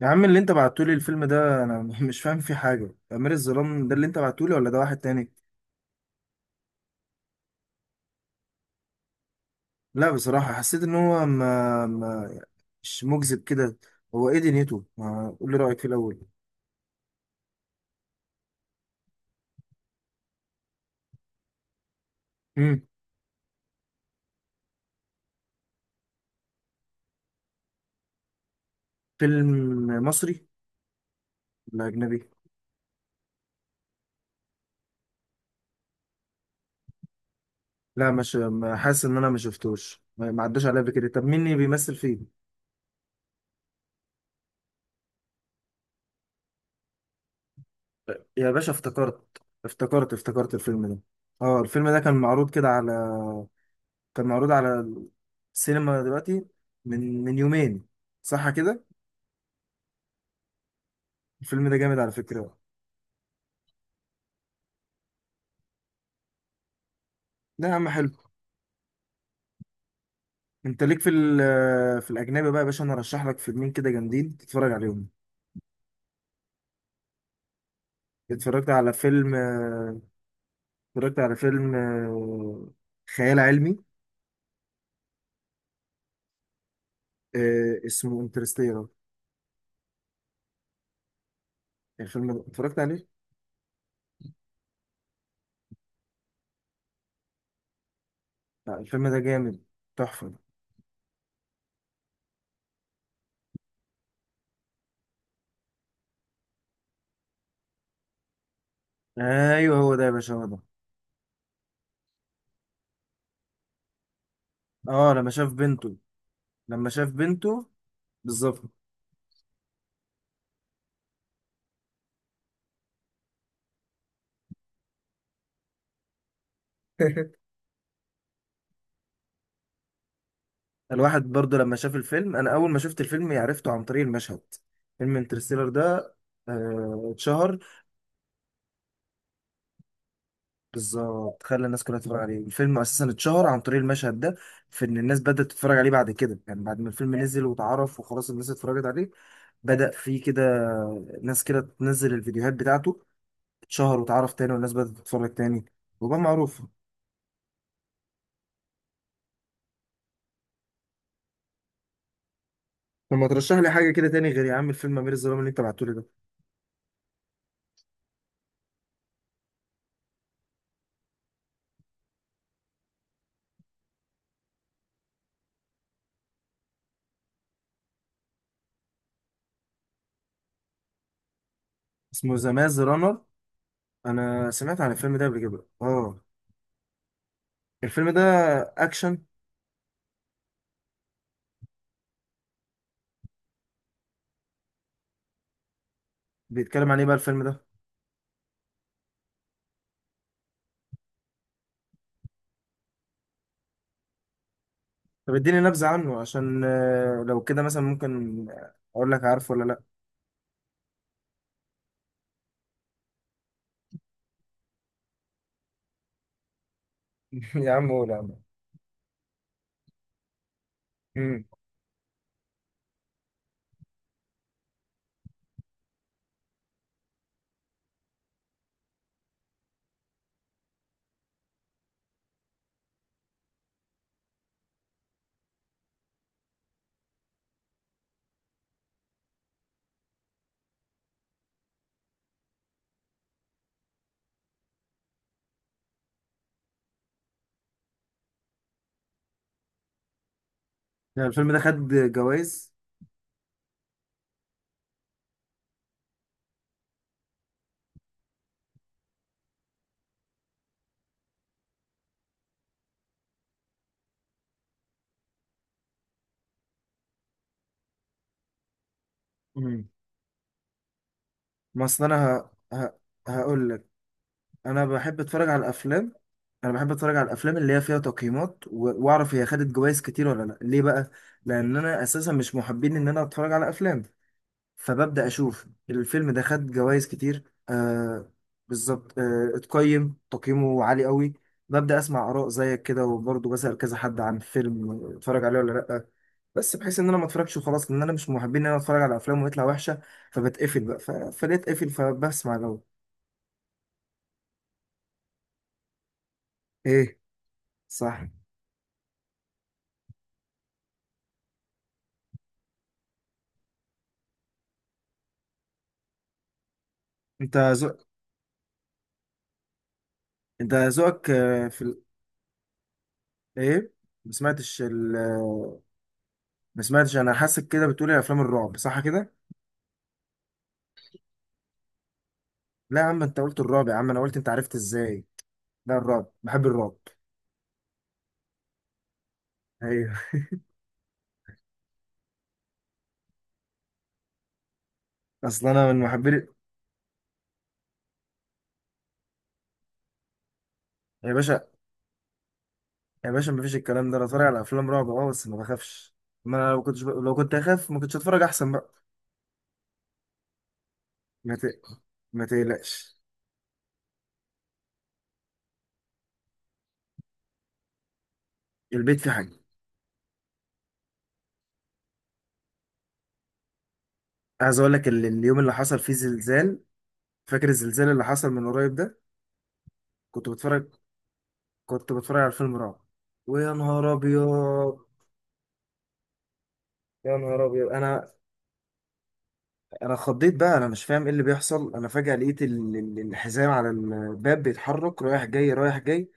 يا عم اللي انت بعتولي الفيلم ده انا مش فاهم فيه حاجة، امير الظلام ده اللي انت بعتولي ولا ده واحد تاني؟ لا بصراحة حسيت ان هو ما مش مجذب كده. هو ايه دنيته؟ ما قول لي رأيك في الاول. امم. فيلم مصري ولا اجنبي؟ لا مش حاسس ان انا ما شفتوش، ما عداش عليا قبل كده. طب مين اللي بيمثل فيه؟ يا باشا افتكرت. افتكرت الفيلم ده. اه، الفيلم ده كان معروض كده على، كان معروض على السينما دلوقتي، من يومين، صح كده؟ الفيلم ده جامد على فكرة. لا يا عم، حلو. انت ليك في في الاجنبي بقى يا باشا، انا ارشح لك فيلمين كده جامدين تتفرج عليهم. اتفرجت على فيلم آه، اتفرجت على فيلم خيال علمي. اسمه انترستيلر. الفيلم ده اتفرجت عليه. لا، الفيلم ده جامد. تحفة. ايوه هو ده يا باشا، هو ده. اه، لما شاف بنته، لما شاف بنته بالظبط. الواحد برضه لما شاف الفيلم، انا اول ما شفت الفيلم عرفته عن طريق المشهد. فيلم انترستيلر ده اتشهر. بالظبط، خلى الناس كلها تتفرج عليه. الفيلم اساسا اتشهر عن طريق المشهد ده، في ان الناس بدأت تتفرج عليه بعد كده، يعني بعد ما الفيلم نزل واتعرف وخلاص الناس اتفرجت عليه. بدأ في كده. ناس كده تنزل الفيديوهات بتاعته. اتشهر واتعرف تاني، والناس بدأت تتفرج تاني. وبقى معروف. طب ما ترشح لي حاجة كده تاني غير يا عم الفيلم أمير الظلام اللي أنت بعتهولي ده. اسمه ذا ماز رانر. أنا سمعت عن الفيلم ده قبل كده آه. الفيلم ده. أكشن. بيتكلم عن إيه بقى الفيلم ده؟ طب اديني نبذة عنه عشان لو كده مثلا ممكن اقول لك عارفه ولا لا. يا عم قول يا عم. امم. يعني الفيلم ده خد جوائز؟ امم. ما اصل انا هقول لك. انا بحب اتفرج على الافلام. انا بحب اتفرج على الافلام اللي هي فيها تقييمات واعرف هي خدت جوائز كتير ولا لا، ليه بقى. لان انا اساسا مش محبين ان انا اتفرج على افلام. فببدأ أشوف الفيلم ده خد جوائز كتير. آه، بالظبط. اتقيم تقييمه عالي قوي. ببدأ أسمع آراء زيك كده، وبرضه بسأل كذا حد عن فيلم، اتفرج عليه ولا لأ. بس بحيث إن أنا ما اتفرجش وخلاص، لأن أنا مش من محبين إن أنا أتفرج على أفلام ويطلع وحشة. فبتقفل بقى، فليه أتقفل، فبسمع الأول. إيه. صح. أنت ذوق. أنت ذوقك في ال... إيه. ما سمعتش ال... آه، ما سمعتش، أنا حاسك كده بتقولي أفلام الرعب، صح كده؟ لا يا عم، أنت قلت الرعب يا عم، أنا قلت أنت عرفت إزاي. ده الرعب، بحب الرعب. ايوه. اصل انا من محبين. يا باشا، يا باشا مفيش الكلام ده، انا اتفرج على افلام رعب اه، بس ما بخافش. ما انا لو كنت اخاف ما كنتش اتفرج احسن بقى. ما ت... ما تقلقش. البيت فيه حاجه. عايز اقول لك اليوم اللي حصل فيه زلزال. فاكر الزلزال اللي حصل من قريب ده؟ كنت بتفرج. كنت بتفرج على فيلم رعب، ويا نهار ابيض. يا نهار ابيض انا، انا خضيت بقى، انا مش فاهم ايه اللي بيحصل، انا فجاه لقيت الحزام على الباب بيتحرك رايح جاي رايح جاي.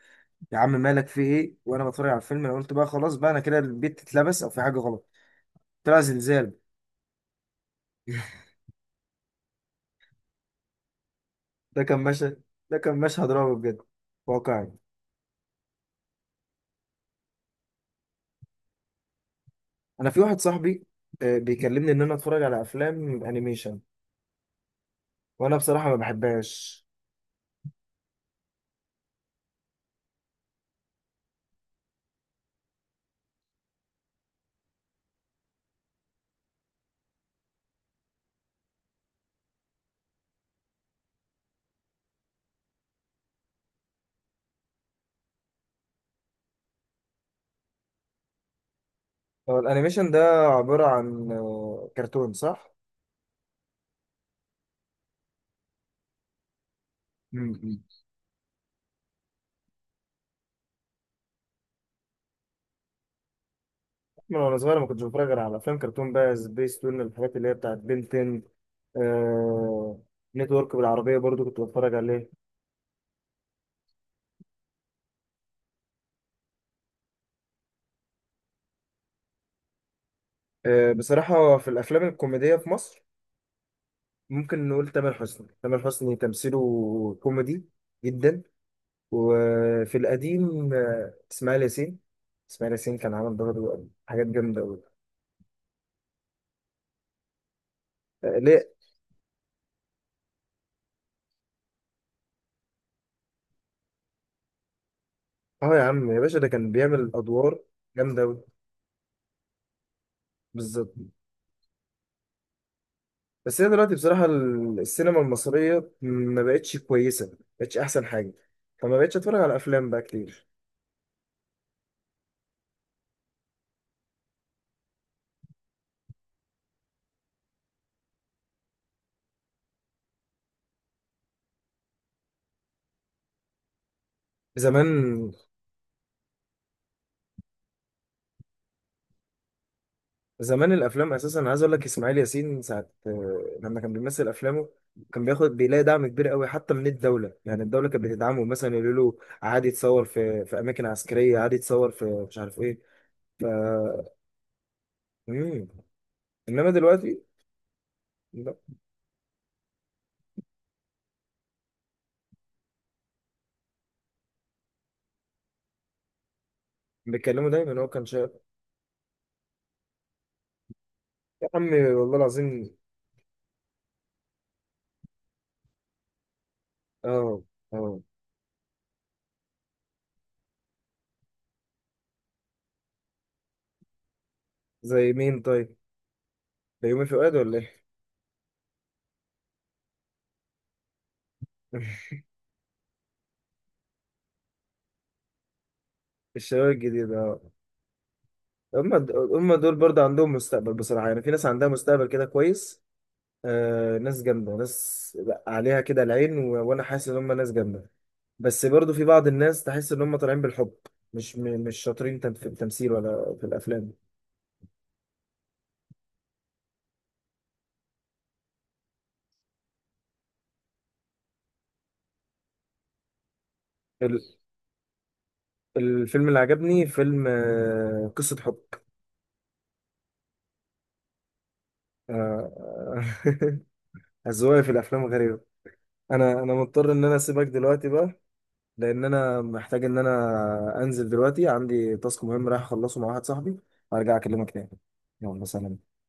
يا عم مالك، في ايه وانا بتفرج على الفيلم؟ انا قلت بقى خلاص بقى انا كده، البيت اتلبس او في حاجه غلط. طلع زلزال. ده كان مشهد ده كان مشهد رعب بجد، واقعي. انا في واحد صاحبي بيكلمني ان انا اتفرج على افلام انيميشن، وانا بصراحه ما بحبهاش. هو الانيميشن ده عباره عن كرتون، صح؟ م-م. من وانا صغير ما كنتش بتفرج غير على افلام كرتون بقى، سبيس تون الحاجات اللي هي بتاعت بنتن آه نتورك بالعربيه، برضو كنت بتفرج عليه. آه، بصراحه في الافلام الكوميديه في مصر، ممكن نقول تامر حسني. تامر حسني تمثيله كوميدي جدا. وفي القديم اسماعيل ياسين. اسماعيل ياسين كان عامل برضه حاجات جامدة أوي. آه، ليه؟ اه يا عم يا باشا، ده كان بيعمل أدوار جامدة أوي، بالظبط. بس هي دلوقتي بصراحة السينما المصرية ما بقتش كويسة، ما بقتش أحسن حاجة. فما بقتش أتفرج على أفلام بقى كتير. زمان، زمان الافلام اساسا، أنا عايز اقول لك اسماعيل ياسين ساعه لما كان بيمثل افلامه كان بياخد، بيلاقي دعم كبير قوي حتى من الدوله. يعني الدوله كانت بتدعمه مثلا، يقولوا له عادي يتصور في اماكن عسكريه، عادي يتصور في مش عارف ايه، ف مم. انما دلوقتي لا. بيتكلموا دايما هو كان شايف. يا عمي والله العظيم. اه. اه. زي مين طيب؟ بيومي فؤاد ولا ايه؟ الشباب الجديد اه. هم هم دول برضه عندهم مستقبل بصراحه، يعني في ناس عندها مستقبل كده كويس. آه، ناس جامدة، ناس لأ، عليها كده العين، وانا حاسس ان هم ناس جامدة. بس برضو في بعض الناس تحس ان هم طالعين بالحب. مش شاطرين، في التمثيل ولا في الافلام. ال... الفيلم اللي عجبني فيلم آه قصة حب. آه. أذواقي في الافلام غريبة. انا مضطر ان انا اسيبك دلوقتي بقى، لان انا محتاج ان انا انزل دلوقتي، عندي تاسك مهم رايح اخلصه مع واحد صاحبي، وارجع اكلمك تاني. يلا سلام.